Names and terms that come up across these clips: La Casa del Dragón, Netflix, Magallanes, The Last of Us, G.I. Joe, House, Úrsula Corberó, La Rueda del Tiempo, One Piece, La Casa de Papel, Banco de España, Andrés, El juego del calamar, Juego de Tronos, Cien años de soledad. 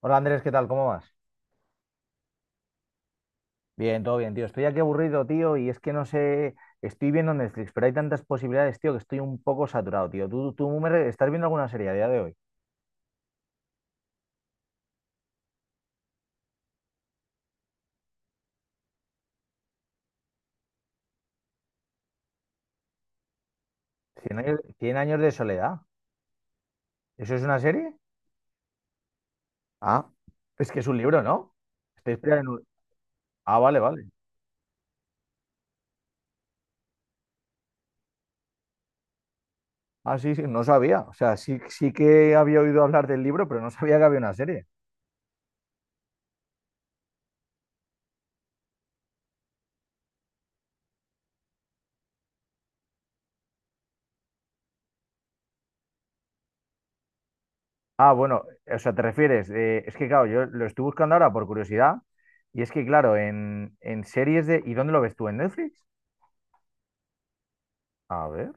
Hola Andrés, ¿qué tal? ¿Cómo vas? Bien, todo bien, tío. Estoy aquí aburrido, tío, y es que no sé, estoy viendo Netflix, pero hay tantas posibilidades, tío, que estoy un poco saturado, tío. ¿Tú me re- estás viendo alguna serie a día de hoy? Cien años de soledad? ¿Eso es una serie? Ah, es que es un libro, ¿no? Estoy inspirado en un- Ah, vale, vale. Ah, sí, sí, no sabía. O sea, sí, sí que había oído hablar del libro, pero no sabía que había una serie. Ah, bueno, o sea, te refieres, es que claro, yo lo estoy buscando ahora por curiosidad, y es que claro, en series de. ¿Y dónde lo ves tú? ¿En Netflix? A ver,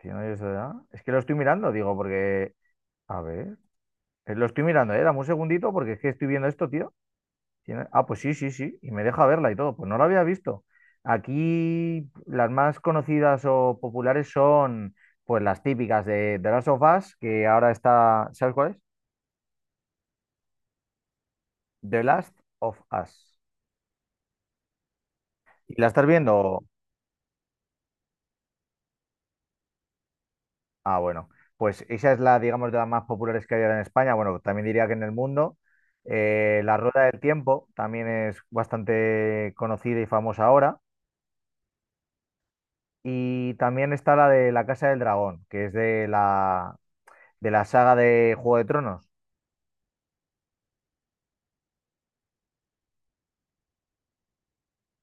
si no hay eso ya. Es que lo estoy mirando, digo, porque. A ver, lo estoy mirando, dame un segundito porque es que estoy viendo esto, tío. Tiene- Ah, pues sí, sí, sí, y me deja verla y todo, pues no la había visto. Aquí las más conocidas o populares son, pues las típicas de The Last of Us, que ahora está, ¿sabes cuál es? The Last of Us. ¿Y la estás viendo? Ah, bueno, pues esa es la, digamos, de las más populares que hay ahora en España. Bueno, también diría que en el mundo. La Rueda del Tiempo también es bastante conocida y famosa ahora. Y también está la de La Casa del Dragón, que es de la saga de Juego de Tronos.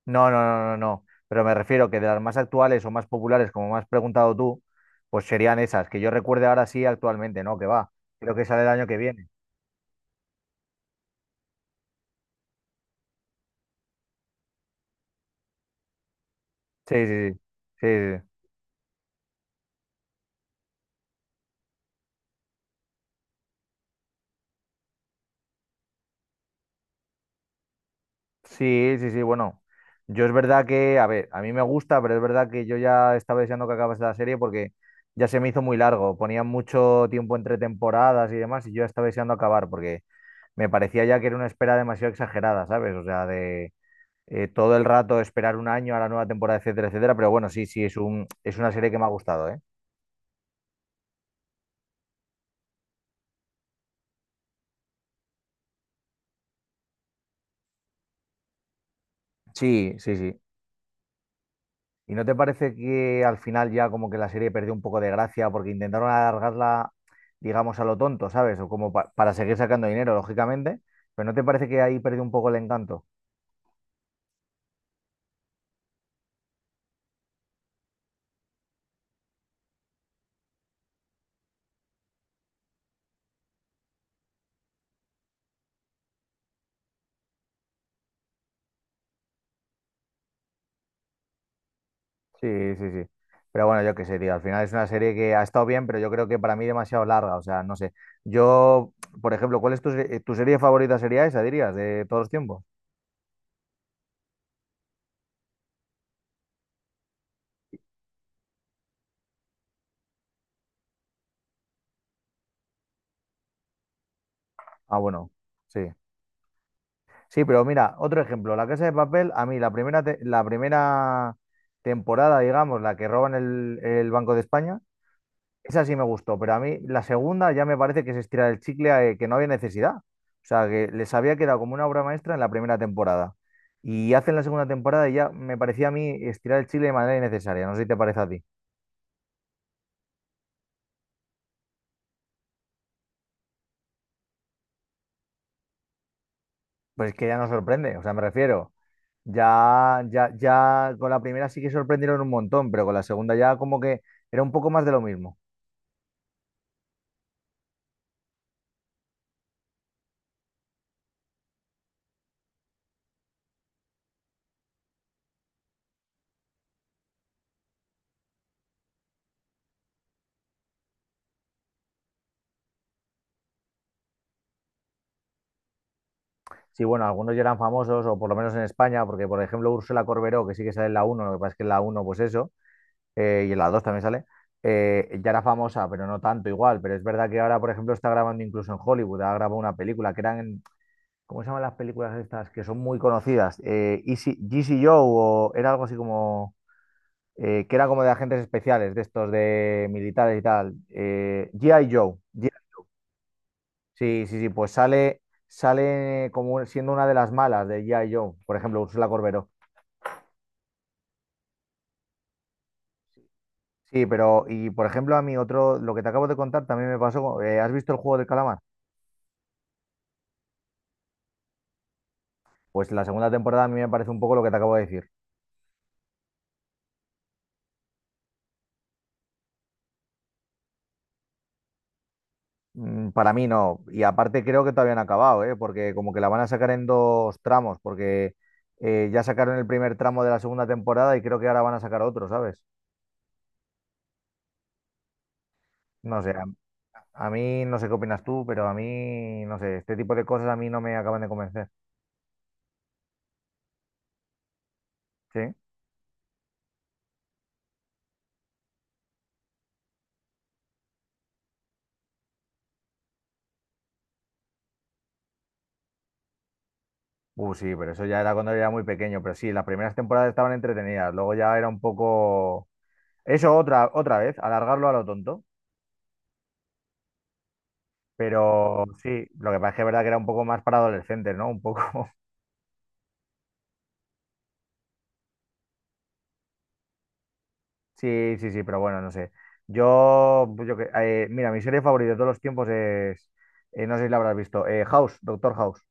No, no, no, no, no. Pero me refiero que de las más actuales o más populares, como me has preguntado tú, pues serían esas, que yo recuerde ahora sí actualmente, ¿no? Que va. Creo que sale el año que viene. Sí, sí, sí. Sí, sí. Sí. Sí, sí, sí, bueno. Yo es verdad que, a ver, a mí me gusta, pero es verdad que yo ya estaba deseando que acabase la serie porque ya se me hizo muy largo. Ponían mucho tiempo entre temporadas y demás y yo ya estaba deseando acabar porque me parecía ya que era una espera demasiado exagerada, ¿sabes? O sea, de todo el rato esperar un año a la nueva temporada, etcétera, etcétera. Pero bueno, sí, sí, es una serie que me ha gustado, ¿eh? Sí, sí, sí. ¿Y no te parece que al final ya como que la serie perdió un poco de gracia porque intentaron alargarla, digamos, a lo tonto, ¿sabes? O como pa- para seguir sacando dinero, lógicamente, pero ¿no te parece que ahí perdió un poco el encanto? Sí, sí, sí. Pero bueno, yo qué sé, tío, al final es una serie que ha estado bien, pero yo creo que para mí demasiado larga, o sea, no sé. Yo, por ejemplo, ¿cuál es tu, se- tu serie favorita sería esa, dirías, de todos los tiempos? Ah, bueno, sí. Sí, pero mira, otro ejemplo, La Casa de Papel, a mí la primera, te- la primera temporada, digamos, la que roban el Banco de España, esa sí me gustó, pero a mí la segunda ya me parece que se estira el chicle, que no había necesidad. O sea, que les había quedado como una obra maestra en la primera temporada. Y hacen la segunda temporada y ya me parecía a mí estirar el chicle de manera innecesaria, no sé si te parece a ti. Pues es que ya no sorprende, o sea, me refiero, ya con la primera sí que sorprendieron un montón, pero con la segunda ya como que era un poco más de lo mismo. Sí, bueno, algunos ya eran famosos, o por lo menos en España, porque por ejemplo Úrsula Corberó, que sí que sale en la uno, lo que pasa es que en la uno, pues eso, y en la 2 también sale, ya era famosa, pero no tanto igual. Pero es verdad que ahora, por ejemplo, está grabando incluso en Hollywood, ha grabado una película que eran, en- ¿cómo se llaman las películas estas? Que son muy conocidas, Easy Joe, o era algo así como, que era como de agentes especiales, de estos de militares y tal, G.I. Joe. Sí, sí, sí, pues sale, como siendo una de las malas de G.I. Joe, por ejemplo, Úrsula Corberó. Sí, pero, y por ejemplo, a mí otro, lo que te acabo de contar también me pasó, con- ¿has visto el juego del calamar? Pues la segunda temporada a mí me parece un poco lo que te acabo de decir. Para mí no, y aparte creo que todavía no ha acabado, ¿eh? Porque como que la van a sacar en dos tramos, porque ya sacaron el primer tramo de la segunda temporada y creo que ahora van a sacar otro, ¿sabes? No sé, a mí no sé qué opinas tú, pero a mí, no sé, este tipo de cosas a mí no me acaban de convencer, ¿sí? Sí, pero eso ya era cuando era muy pequeño, pero sí, las primeras temporadas estaban entretenidas, luego ya era un poco. Eso otra vez, alargarlo a lo tonto, pero sí, lo que pasa es que es verdad que era un poco más para adolescentes, ¿no? Un poco. Sí, sí, sí, pero bueno, no sé. Yo, pues yo que- mira, mi serie favorita de todos los tiempos es, no sé si la habrás visto, House, Doctor House.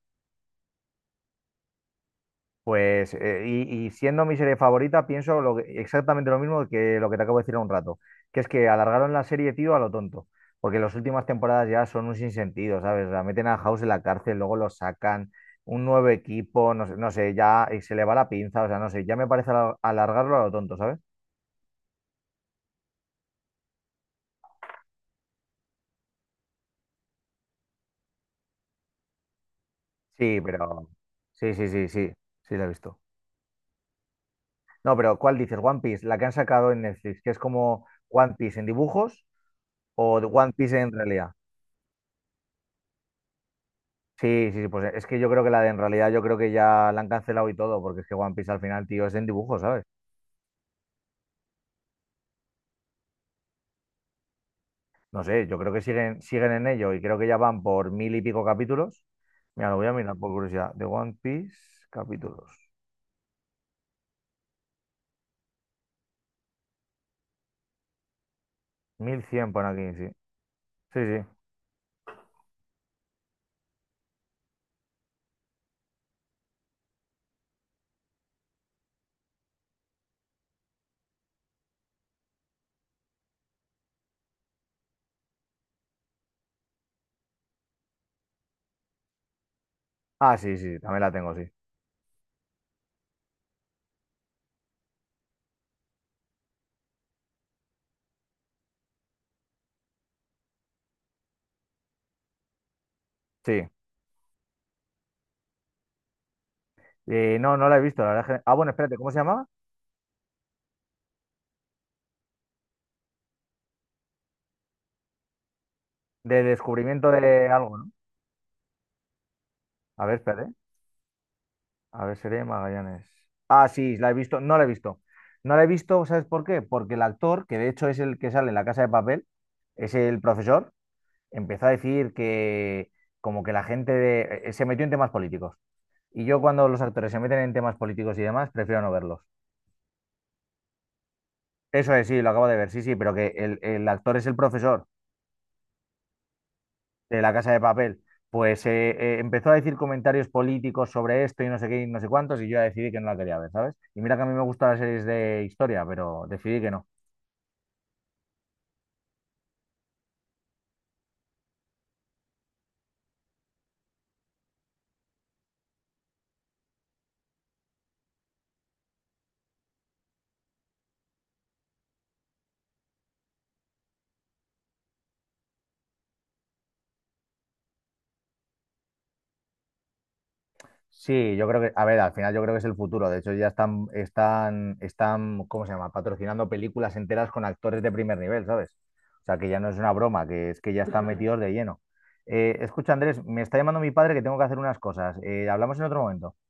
Pues, y siendo mi serie favorita, pienso lo que- exactamente lo mismo que lo que te acabo de decir hace un rato, que es que alargaron la serie, tío, a lo tonto, porque las últimas temporadas ya son un sinsentido, ¿sabes? La meten a House en la cárcel, luego lo sacan, un nuevo equipo, no sé, no sé, ya se le va la pinza, o sea, no sé, ya me parece alar- alargarlo a lo tonto, ¿sabes? Sí, pero. Sí, sí, sí, sí, sí, la he visto. No, pero ¿cuál dices? One Piece, la que han sacado en Netflix, que es como One Piece en dibujos o One Piece en realidad. Sí, sí, sí, pues es que yo creo que la de en realidad, yo creo que ya la han cancelado y todo, porque es que One Piece al final, tío, es en dibujo, ¿sabes? No sé, yo creo que siguen, en ello y creo que ya van por mil y pico capítulos. Mira, lo voy a mirar por curiosidad. De One Piece, capítulos. Mil cien por aquí, sí. Sí, sí. Ah, sí, sí, también la tengo, sí. Sí. No, no la he visto, la verdad. Es que- Ah, bueno, espérate, ¿cómo se llamaba? De descubrimiento de algo, ¿no? A ver, espérate. A ver, seré Magallanes. Ah, sí, la he visto. No la he visto. No la he visto, ¿sabes por qué? Porque el actor, que de hecho es el que sale en La Casa de Papel, es el profesor, empezó a decir que como que la gente de- se metió en temas políticos. Y yo cuando los actores se meten en temas políticos y demás, prefiero no verlos. Eso es, sí, lo acabo de ver, sí, sí, pero que el actor es el profesor de La Casa de Papel, pues empezó a decir comentarios políticos sobre esto y no sé qué y no sé cuántos, y yo ya decidí que no la quería ver, ¿sabes? Y mira que a mí me gustan las series de historia, pero decidí que no. Sí, yo creo que, a ver, al final yo creo que es el futuro. De hecho, ya están, ¿cómo se llama? Patrocinando películas enteras con actores de primer nivel, ¿sabes? O sea, que ya no es una broma, que es que ya están metidos de lleno. Escucha, Andrés, me está llamando mi padre que tengo que hacer unas cosas. Hablamos en otro momento.